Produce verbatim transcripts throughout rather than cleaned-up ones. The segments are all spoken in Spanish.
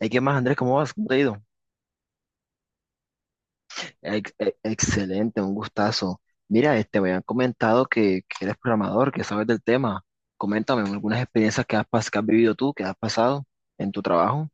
¿Y qué más, Andrés? ¿Cómo vas? ¿Cómo te ha ido? Ex- e- excelente, un gustazo. Mira, este, me habían comentado que, que eres programador, que sabes del tema. Coméntame algunas experiencias que has, pas- que has vivido tú, que has pasado en tu trabajo.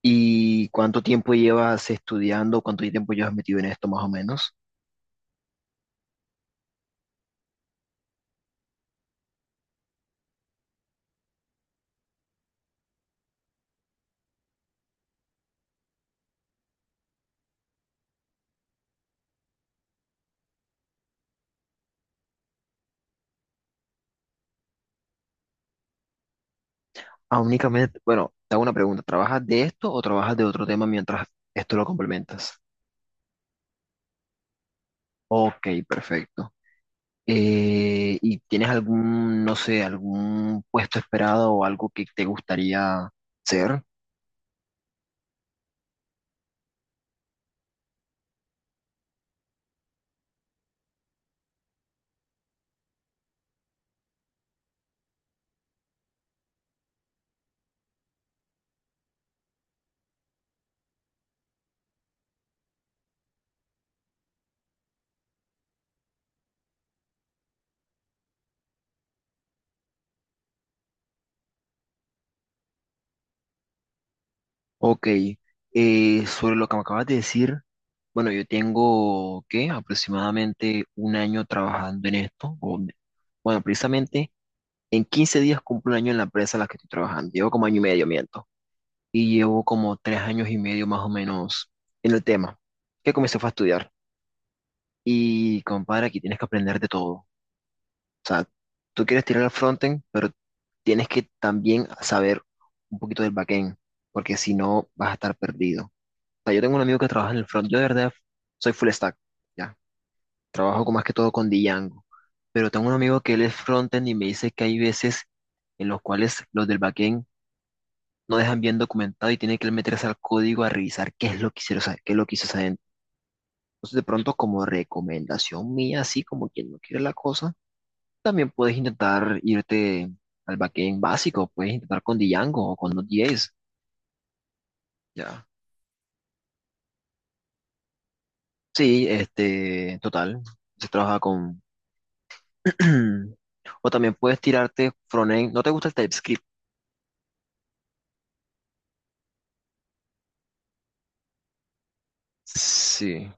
¿Y cuánto tiempo llevas estudiando? ¿Cuánto tiempo llevas metido en esto, más o menos? Ah, únicamente, bueno, te hago una pregunta. ¿Trabajas de esto o trabajas de otro tema mientras esto lo complementas? Ok, perfecto. Eh, ¿y tienes algún, no sé, algún puesto esperado o algo que te gustaría ser? Ok, eh, sobre lo que me acabas de decir, bueno, yo tengo, ¿qué? Aproximadamente un año trabajando en esto. O- bueno, precisamente en quince días cumplo un año en la empresa en la que estoy trabajando. Llevo como año y medio, miento. Y llevo como tres años y medio más o menos en el tema, que comencé fue a estudiar. Y compadre, aquí tienes que aprender de todo. O sea, tú quieres tirar al frontend, pero tienes que también saber un poquito del backend, porque si no vas a estar perdido. O sea, yo tengo un amigo que trabaja en el front, yo de verdad soy full stack, ya. Trabajo con- más que todo con Django, pero tengo un amigo que él es frontend y me dice que hay veces en los cuales los del backend no dejan bien documentado y tiene que él meterse al código a revisar qué es lo que hicieron, o sea, qué es lo que hizo esa gente. Entonces, de pronto, como recomendación mía, así como quien no quiere la cosa, también puedes intentar irte al backend básico, puedes intentar con Django o con Node.js. Ya. Sí, este, total, se trabaja con... o también puedes tirarte frontend, ¿no te gusta el TypeScript? Sí,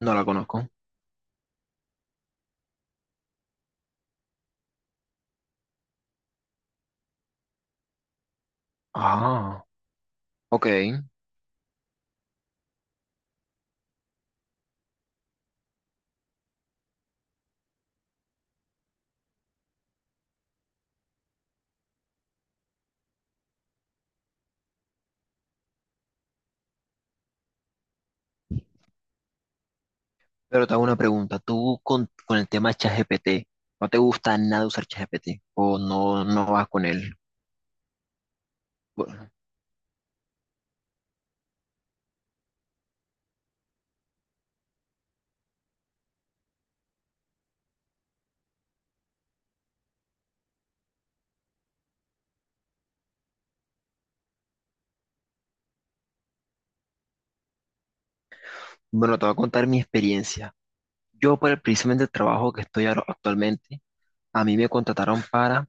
no la conozco. Ah, ok. Pero te hago una pregunta. Tú con, con el tema ChatGPT, ¿no te gusta nada usar ChatGPT? ¿O no, no vas con él? Bueno, Bueno, te voy a contar mi experiencia. Yo, por el precisamente el trabajo que estoy ahora actualmente, a mí me contrataron para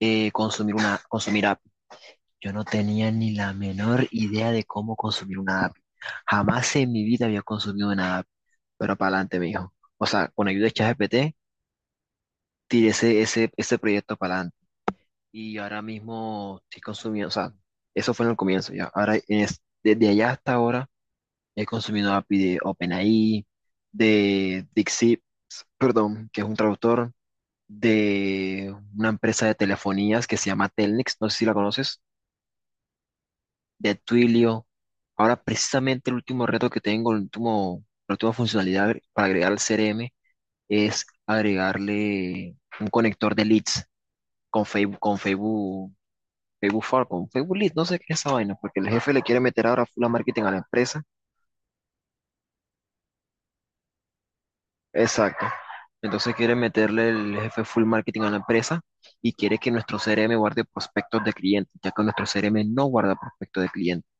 eh, consumir una, consumir A P I. Yo no tenía ni la menor idea de cómo consumir una A P I. Jamás en mi vida había consumido una A P I, pero para adelante, me dijo. O sea, con ayuda de ChatGPT, tiré ese, ese, ese proyecto para adelante. Y ahora mismo estoy consumiendo, o sea, eso fue en el comienzo ya. Ahora, es- desde allá hasta ahora, he consumido A P I de OpenAI, de DeepSeek, perdón, que es un traductor de una empresa de telefonías que se llama Telnex, no sé si la conoces, de Twilio. Ahora precisamente el último reto que tengo, el último, la última funcionalidad agre- para agregar al C R M es agregarle un conector de leads con Facebook, con Facebook, Facebook For, con Facebook leads no sé qué es esa vaina, porque el jefe le quiere meter ahora full a marketing a la empresa. Exacto. Entonces quiere meterle el jefe full marketing a la empresa y quiere que nuestro C R M guarde prospectos de clientes, ya que nuestro C R M no guarda prospectos de clientes,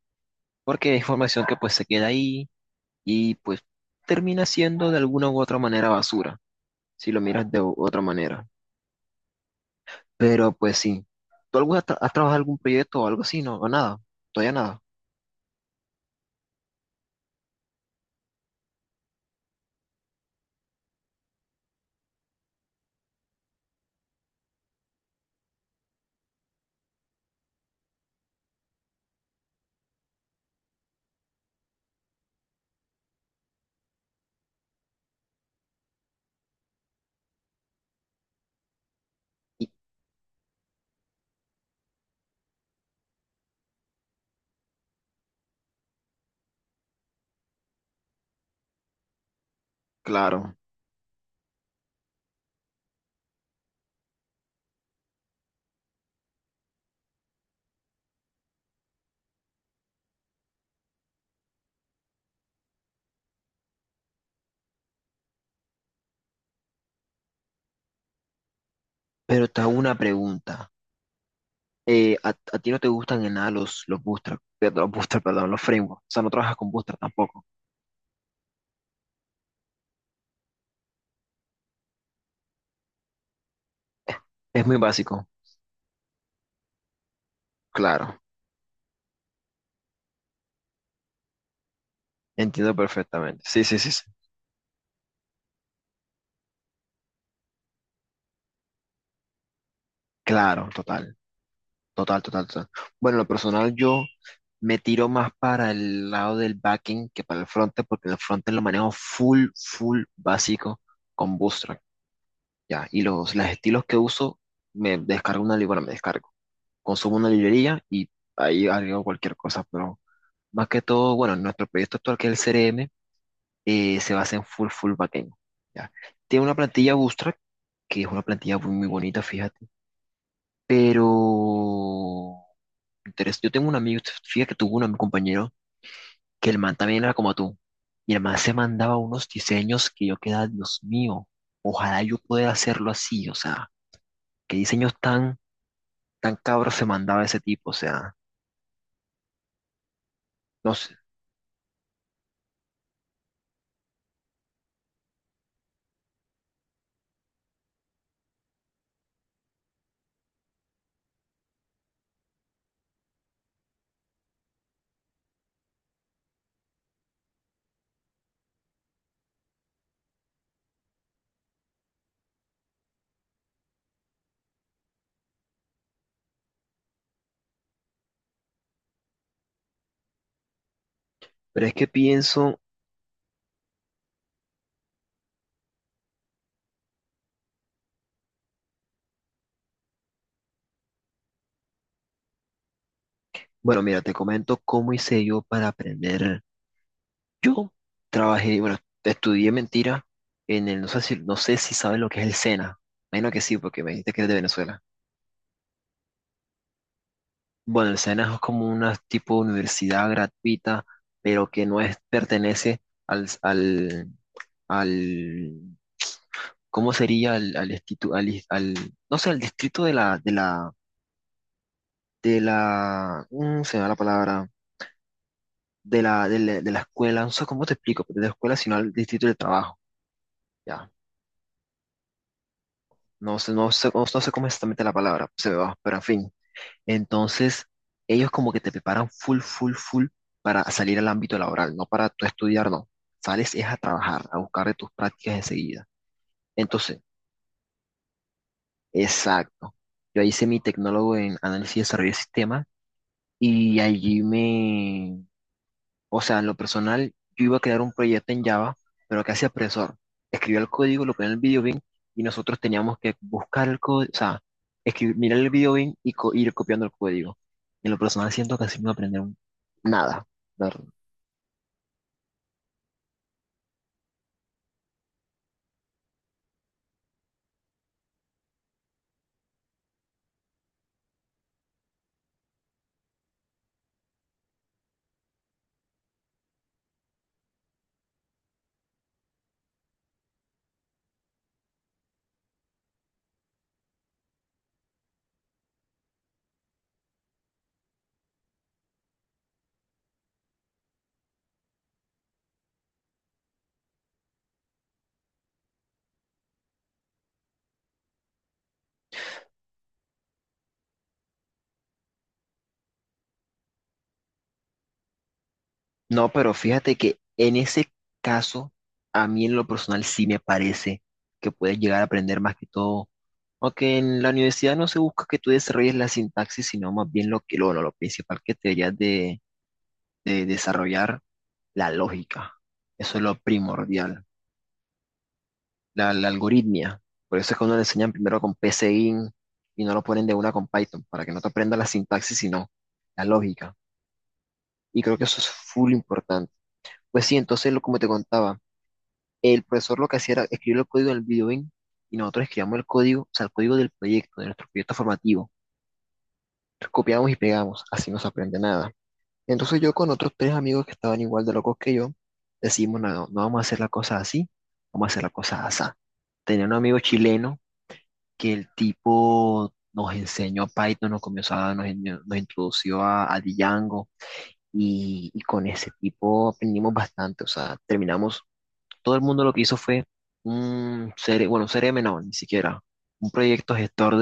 porque es información que pues se queda ahí y pues termina siendo de alguna u otra manera basura, si lo miras de u- otra manera. Pero pues sí, ¿tú alguna tra- has trabajado algún proyecto o algo así? No, o nada, todavía nada. Y claro, pero te hago una pregunta. Eh, ¿a, a ti no te gustan en nada los, los bootstrap, perdón, los bootstrap, perdón, los frameworks? O sea, no trabajas con bootstrap tampoco. Es muy básico, claro, entiendo perfectamente. Sí, sí, sí, sí. Claro, total, total, total, total. Bueno, en lo personal yo me tiro más para el lado del backend que para el frontend, porque el frontend lo manejo full, full básico con Bootstrap, ya. Y los, los estilos que uso, me descargo una librería, me descargo, consumo una librería y ahí agrego cualquier cosa, pero más que todo, bueno, nuestro proyecto actual que es el C R M, eh, se basa en full, full backend. ¿Ya? Tiene una plantilla Bootstrap, que es una plantilla muy, muy bonita, fíjate. Pero interes- yo tengo un amigo, fíjate que tuvo un am- compañero que el man también era como tú. Y el man se mandaba unos diseños que yo quedaba, Dios mío, ojalá yo pudiera hacerlo así. O sea, qué diseños tan, tan cabros se mandaba ese tipo. O sea, no sé. Pero es que pienso, bueno, mira, te comento cómo hice yo para aprender. Yo trabajé, bueno, estudié mentira en el, no sé si, no sé si sabes lo que es el SENA. Menos que sí, porque me dijiste que es de Venezuela. Bueno, el SENA es como una tipo de universidad gratuita, pero que no es, pertenece al, al, al, ¿cómo sería? Al, al, institu- al, is- al- No sé, al distrito de la, de la, de la, mm, se me va la palabra, de la, de la, de la escuela, no sé cómo te explico, pero de la escuela, sino al distrito del trabajo. Ya. No sé, no sé, no no sé cómo es exactamente la palabra, se me va, pero en fin. Entonces, ellos como que te preparan full, full, full para salir al ámbito laboral, no para tú estudiar, no. Sales es a trabajar, a buscar de tus prácticas enseguida. Entonces, exacto. Yo hice mi tecnólogo en análisis y desarrollo de sistemas y allí me, o sea, en lo personal, yo iba a crear un proyecto en Java, pero casi apresor. Escribió el código, lo ponía en el video bin y nosotros teníamos que buscar el código, o sea, escribir, mirar el video bin y co- ir copiando el código. En lo personal, siento que así no iba a aprender un- nada, la verdad. No, pero fíjate que en ese caso, a mí en lo personal sí me parece que puedes llegar a aprender más que todo. Aunque en la universidad no se busca que tú desarrolles la sintaxis, sino más bien lo que lo, lo principal que te deberías de de desarrollar la lógica. Eso es lo primordial, la, la algoritmia. Por eso es que uno le enseñan primero con PSeInt y no lo ponen de una con Python, para que no te aprenda la sintaxis, sino la lógica. Y creo que eso es full importante. Pues sí, entonces, lo, como te contaba, el profesor lo que hacía era escribir el código en el videoing y nosotros escribíamos el código, o sea, el código del proyecto, de nuestro proyecto formativo. Copiamos y pegamos, así no se aprende nada. Entonces yo con otros tres amigos que estaban igual de locos que yo, decimos, no, no vamos a hacer la cosa así, vamos a hacer la cosa así. Tenía un amigo chileno que el tipo nos enseñó Python, nos comenzó a, nos, en- nos introdució a, a Django y, y con ese tipo aprendimos bastante, o sea, terminamos, todo el mundo lo que hizo fue un C R M, bueno, un C R M no, ni siquiera, un proyecto gestor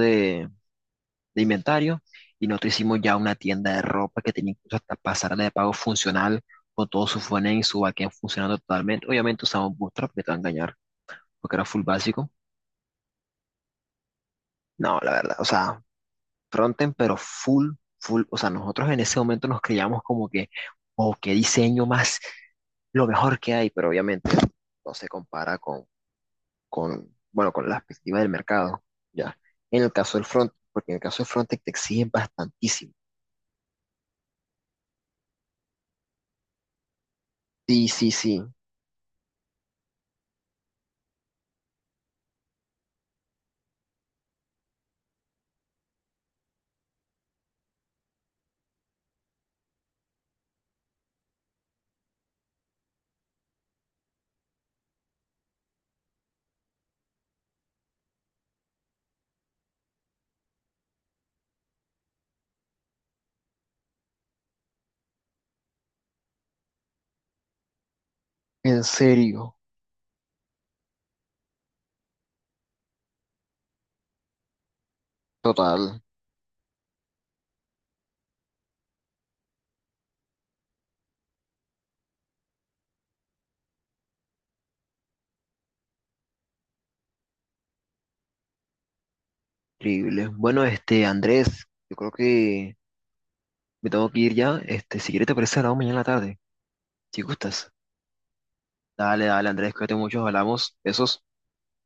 de inventario y nosotros hicimos ya una tienda de ropa que tenía incluso hasta pasarela de pago funcional con todo su frontend y su backend funcionando totalmente. Obviamente usamos Bootstrap, que te va a engañar, porque era full básico. No, la verdad, o sea, frontend, pero full, full. O sea, nosotros en ese momento nos creíamos como que, o qué diseño más, lo mejor que hay, pero obviamente no se compara con, con bueno, con la perspectiva del mercado, ya. En el caso del front, porque en el caso del frontend te exigen bastantísimo. Sí, sí, sí, en serio. Total, increíble. Bueno, este, Andrés, yo creo que me tengo que ir ya. Este, si quieres te parece, hablamos mañana en la tarde. Si gustas. Dale, dale, Andrés, cuídate mucho, hablamos. Besos.